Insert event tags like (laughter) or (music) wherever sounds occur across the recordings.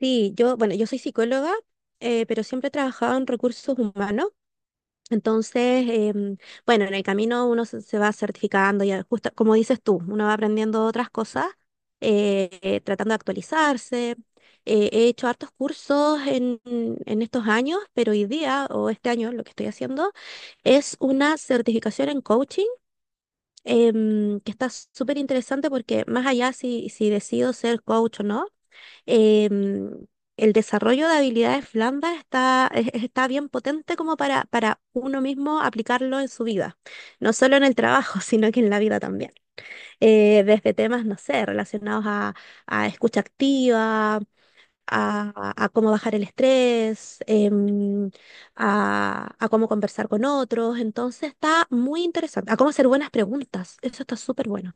Sí, yo, bueno, yo soy psicóloga, pero siempre he trabajado en recursos humanos. Entonces, bueno, en el camino uno se va certificando, y justo como dices tú, uno va aprendiendo otras cosas, tratando de actualizarse. He hecho hartos cursos en estos años, pero hoy día o este año lo que estoy haciendo es una certificación en coaching, que está súper interesante porque más allá si decido ser coach o no, em, el desarrollo de habilidades blandas está bien potente como para uno mismo aplicarlo en su vida, no solo en el trabajo, (laughs) sino que en la vida también. Desde temas, no sé, relacionados a escucha activa, a cómo bajar el estrés, a cómo conversar con otros. Entonces está muy interesante, a cómo hacer buenas preguntas. Eso está súper bueno.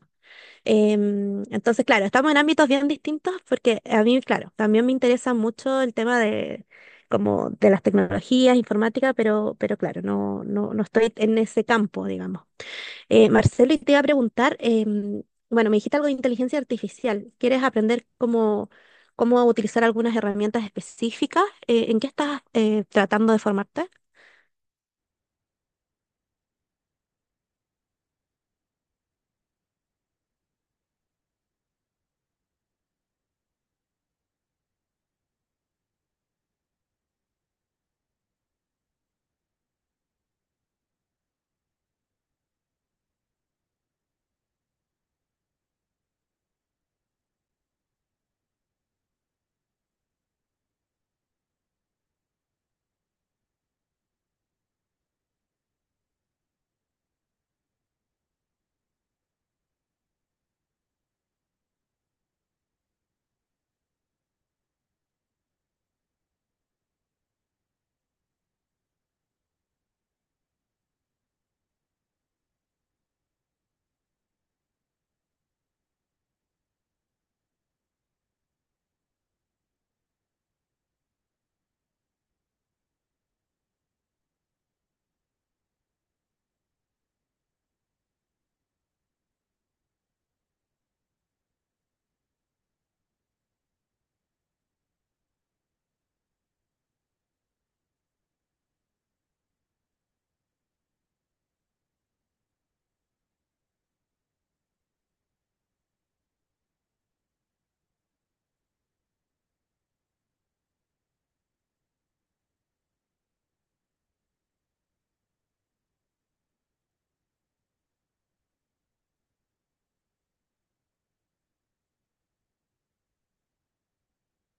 Entonces, claro, estamos en ámbitos bien distintos porque a mí, claro, también me interesa mucho el tema de como de las tecnologías, informática, pero claro, no estoy en ese campo, digamos. Marcelo, y te iba a preguntar, bueno, me dijiste algo de inteligencia artificial. ¿Quieres aprender cómo utilizar algunas herramientas específicas? ¿En qué estás tratando de formarte?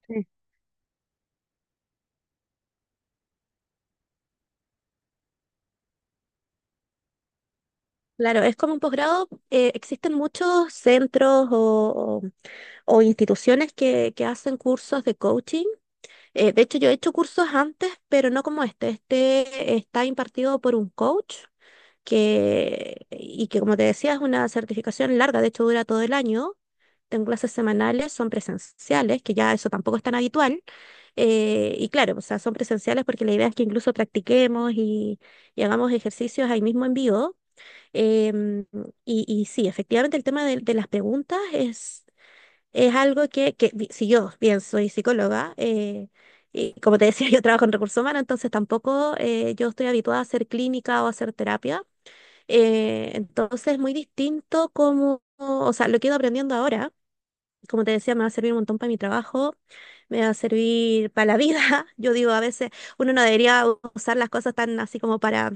Sí. Claro, es como un posgrado. Eh, existen muchos centros o instituciones que hacen cursos de coaching. De hecho, yo he hecho cursos antes, pero no como este. Este está impartido por un coach que, como te decía, es una certificación larga, de hecho dura todo el año. Tengo clases semanales, son presenciales, que ya eso tampoco es tan habitual. Y claro, o sea, son presenciales porque la idea es que incluso practiquemos y hagamos ejercicios ahí mismo en vivo. Em, y, y sí, efectivamente el tema de las preguntas es algo si yo bien soy psicóloga, y como te decía, (laughs) yo trabajo en recursos humanos, entonces tampoco yo estoy habituada a hacer clínica o a hacer terapia. Entonces es muy distinto como, o sea, lo que he ido aprendiendo ahora como te decía, me va a servir un montón para mi trabajo, me va a servir para la vida. (laughs) Yo digo, a veces uno no debería usar las cosas tan así como para,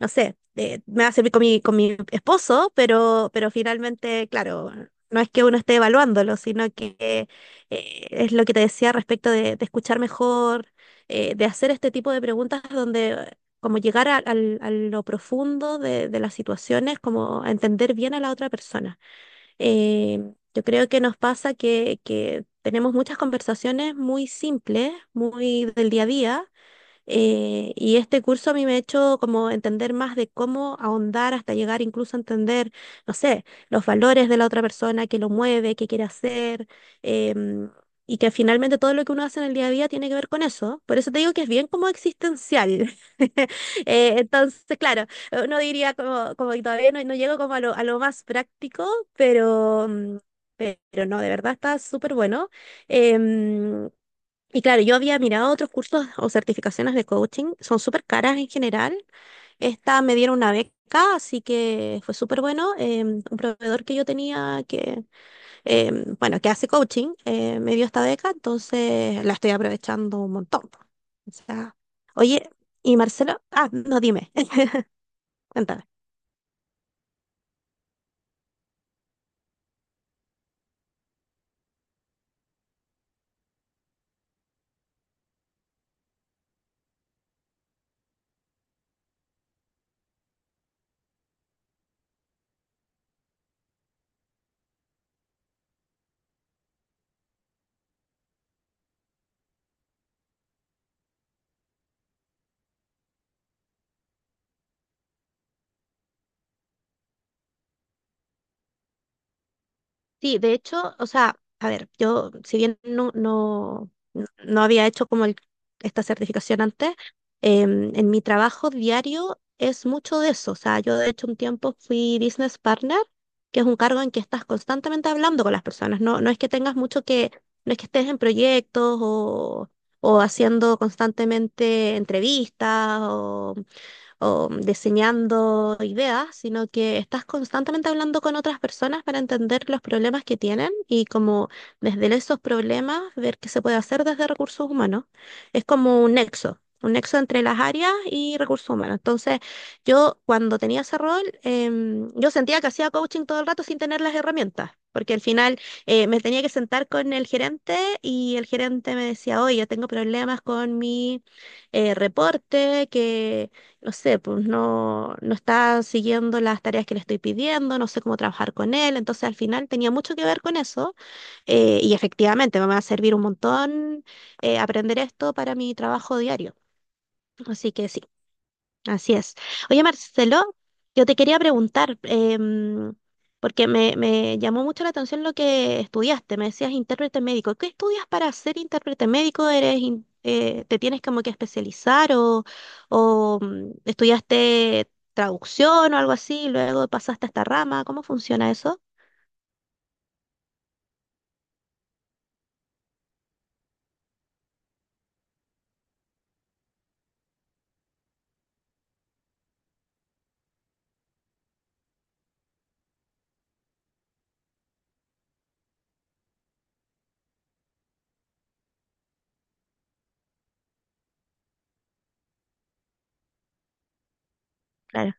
no sé, me va a servir con mi esposo, pero finalmente, claro, no es que uno esté evaluándolo, sino que es lo que te decía respecto de escuchar mejor, de hacer este tipo de preguntas donde como llegar a lo profundo de las situaciones, como a entender bien a la otra persona. Yo creo que nos pasa que tenemos muchas conversaciones muy simples, muy del día a día, y este curso a mí me ha hecho como entender más de cómo ahondar hasta llegar incluso a entender, no sé, los valores de la otra persona, qué lo mueve, qué quiere hacer, em, y que finalmente todo lo que uno hace en el día a día tiene que ver con eso. Por eso te digo que es bien como existencial. (laughs) Entonces, claro, uno diría como que todavía no llego como a lo más práctico, pero pero no, de verdad está súper bueno. Em, y claro, yo había mirado otros cursos o certificaciones de coaching, son súper caras en general. Esta me dieron una beca, así que fue súper bueno. Un proveedor que yo tenía, bueno, que hace coaching, me dio esta beca, entonces la estoy aprovechando un montón. Po. O sea, oye, y Marcelo, ah, no, dime, (laughs) cuéntame. Sí, de hecho, o sea, a ver, yo, si bien no había hecho como el- esta certificación antes, en mi trabajo diario es mucho de eso. O sea, yo de hecho un tiempo fui business partner, que es un cargo en que estás constantemente hablando con las personas. No, no es que tengas mucho no es que estés en proyectos o haciendo constantemente entrevistas o diseñando ideas, sino que estás constantemente hablando con otras personas para entender los problemas que tienen y como desde esos problemas ver qué se puede hacer desde recursos humanos. Es como un nexo. Un nexo entre las áreas y recursos humanos. Entonces, yo cuando tenía ese rol, yo sentía que hacía coaching todo el rato sin tener las herramientas, porque al final me tenía que sentar con el gerente y el gerente me decía, oye, tengo problemas con mi reporte, que no sé, pues no está siguiendo las tareas que le estoy pidiendo, no sé cómo trabajar con él. Entonces al final tenía mucho que ver con eso y efectivamente me va a servir un montón aprender esto para mi trabajo diario. Así que sí, así es. Oye, Marcelo, yo te quería preguntar, porque me llamó mucho la atención lo que estudiaste. Me decías intérprete médico. ¿Qué estudias para ser intérprete médico? ¿Eres te tienes como que especializar o, o estudiaste traducción o algo así? Y luego pasaste a esta rama. ¿Cómo funciona eso? Claro,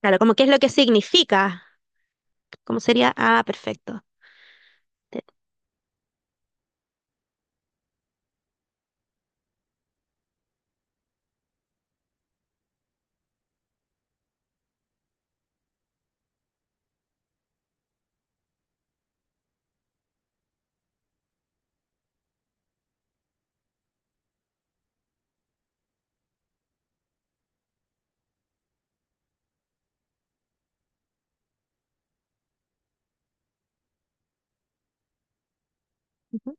claro, como qué es lo que significa. ¿Cómo sería? Ah, perfecto. Te- ujú.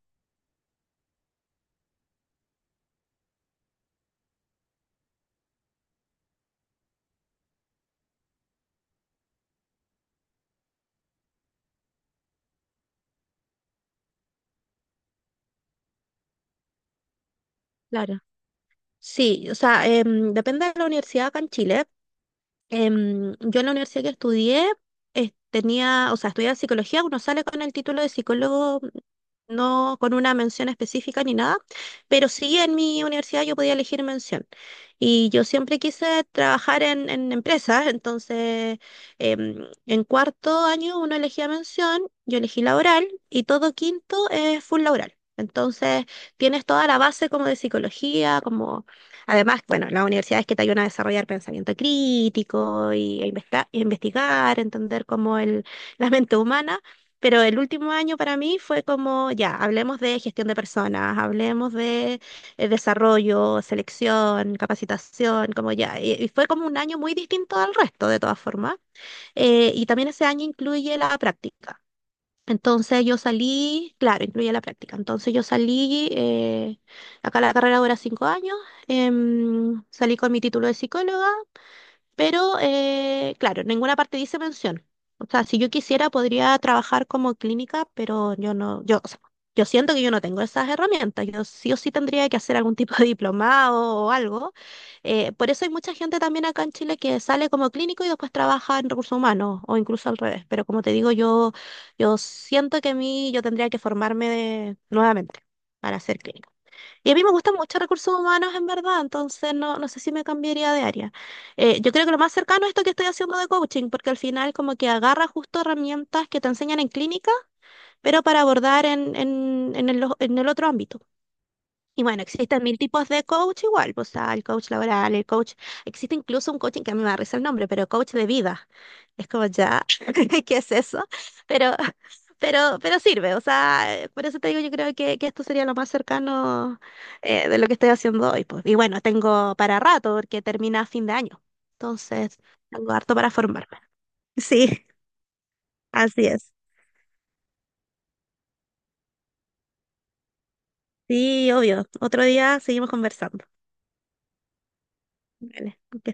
Claro. Sí, o sea, depende de la universidad acá en Chile, yo en la universidad que estudié, tenía, o sea, estudiaba psicología, uno sale con el título de psicólogo, no con una mención específica ni nada, pero sí en mi universidad yo podía elegir mención. Y yo siempre quise trabajar en empresas, entonces em, en cuarto año uno elegía mención, yo elegí laboral y todo quinto es full laboral. Entonces tienes toda la base como de psicología, como además, bueno, las universidades que te ayudan a desarrollar pensamiento crítico y a investigar, entender cómo la mente humana, pero el último año para mí fue como, ya, hablemos de gestión de personas, hablemos de desarrollo, selección, capacitación, como ya, y fue como un año muy distinto al resto de todas formas. Y también ese año incluye la práctica. Entonces yo salí, claro, incluye la práctica. Entonces yo salí, acá la carrera dura 5 años, salí con mi título de psicóloga pero, claro, en ninguna parte dice mención. O sea, si yo quisiera, podría trabajar como clínica, pero yo no, yo, o sea, yo siento que yo no tengo esas herramientas. Yo sí o sí tendría que hacer algún tipo de (laughs) diplomado o algo. Por eso hay mucha gente también acá en Chile que sale como clínico y después trabaja en recursos humanos o incluso al revés. Pero como te digo, yo siento que a mí yo tendría que formarme de- nuevamente para ser clínico. Y a mí me gustan mucho recursos humanos, en verdad, entonces no sé si me cambiaría de área. Yo creo que lo más cercano es esto que estoy haciendo de coaching, porque al final como que agarra justo herramientas que te enseñan en clínica, pero para abordar en el otro ámbito. Y bueno, existen mil tipos de coach igual, pues está el coach laboral, el coach, existe incluso un coaching que a mí me da risa el nombre, pero coach de vida. Es como ya, (laughs) ¿qué es eso? Pero, pero sirve, o sea, por eso te digo, yo creo que esto sería lo más cercano de lo que estoy haciendo hoy, pues. Y bueno, tengo para rato porque termina a fin de año, entonces tengo harto para formarme. (laughs) Sí, así es. Sí, obvio. Otro día seguimos conversando. Vale, que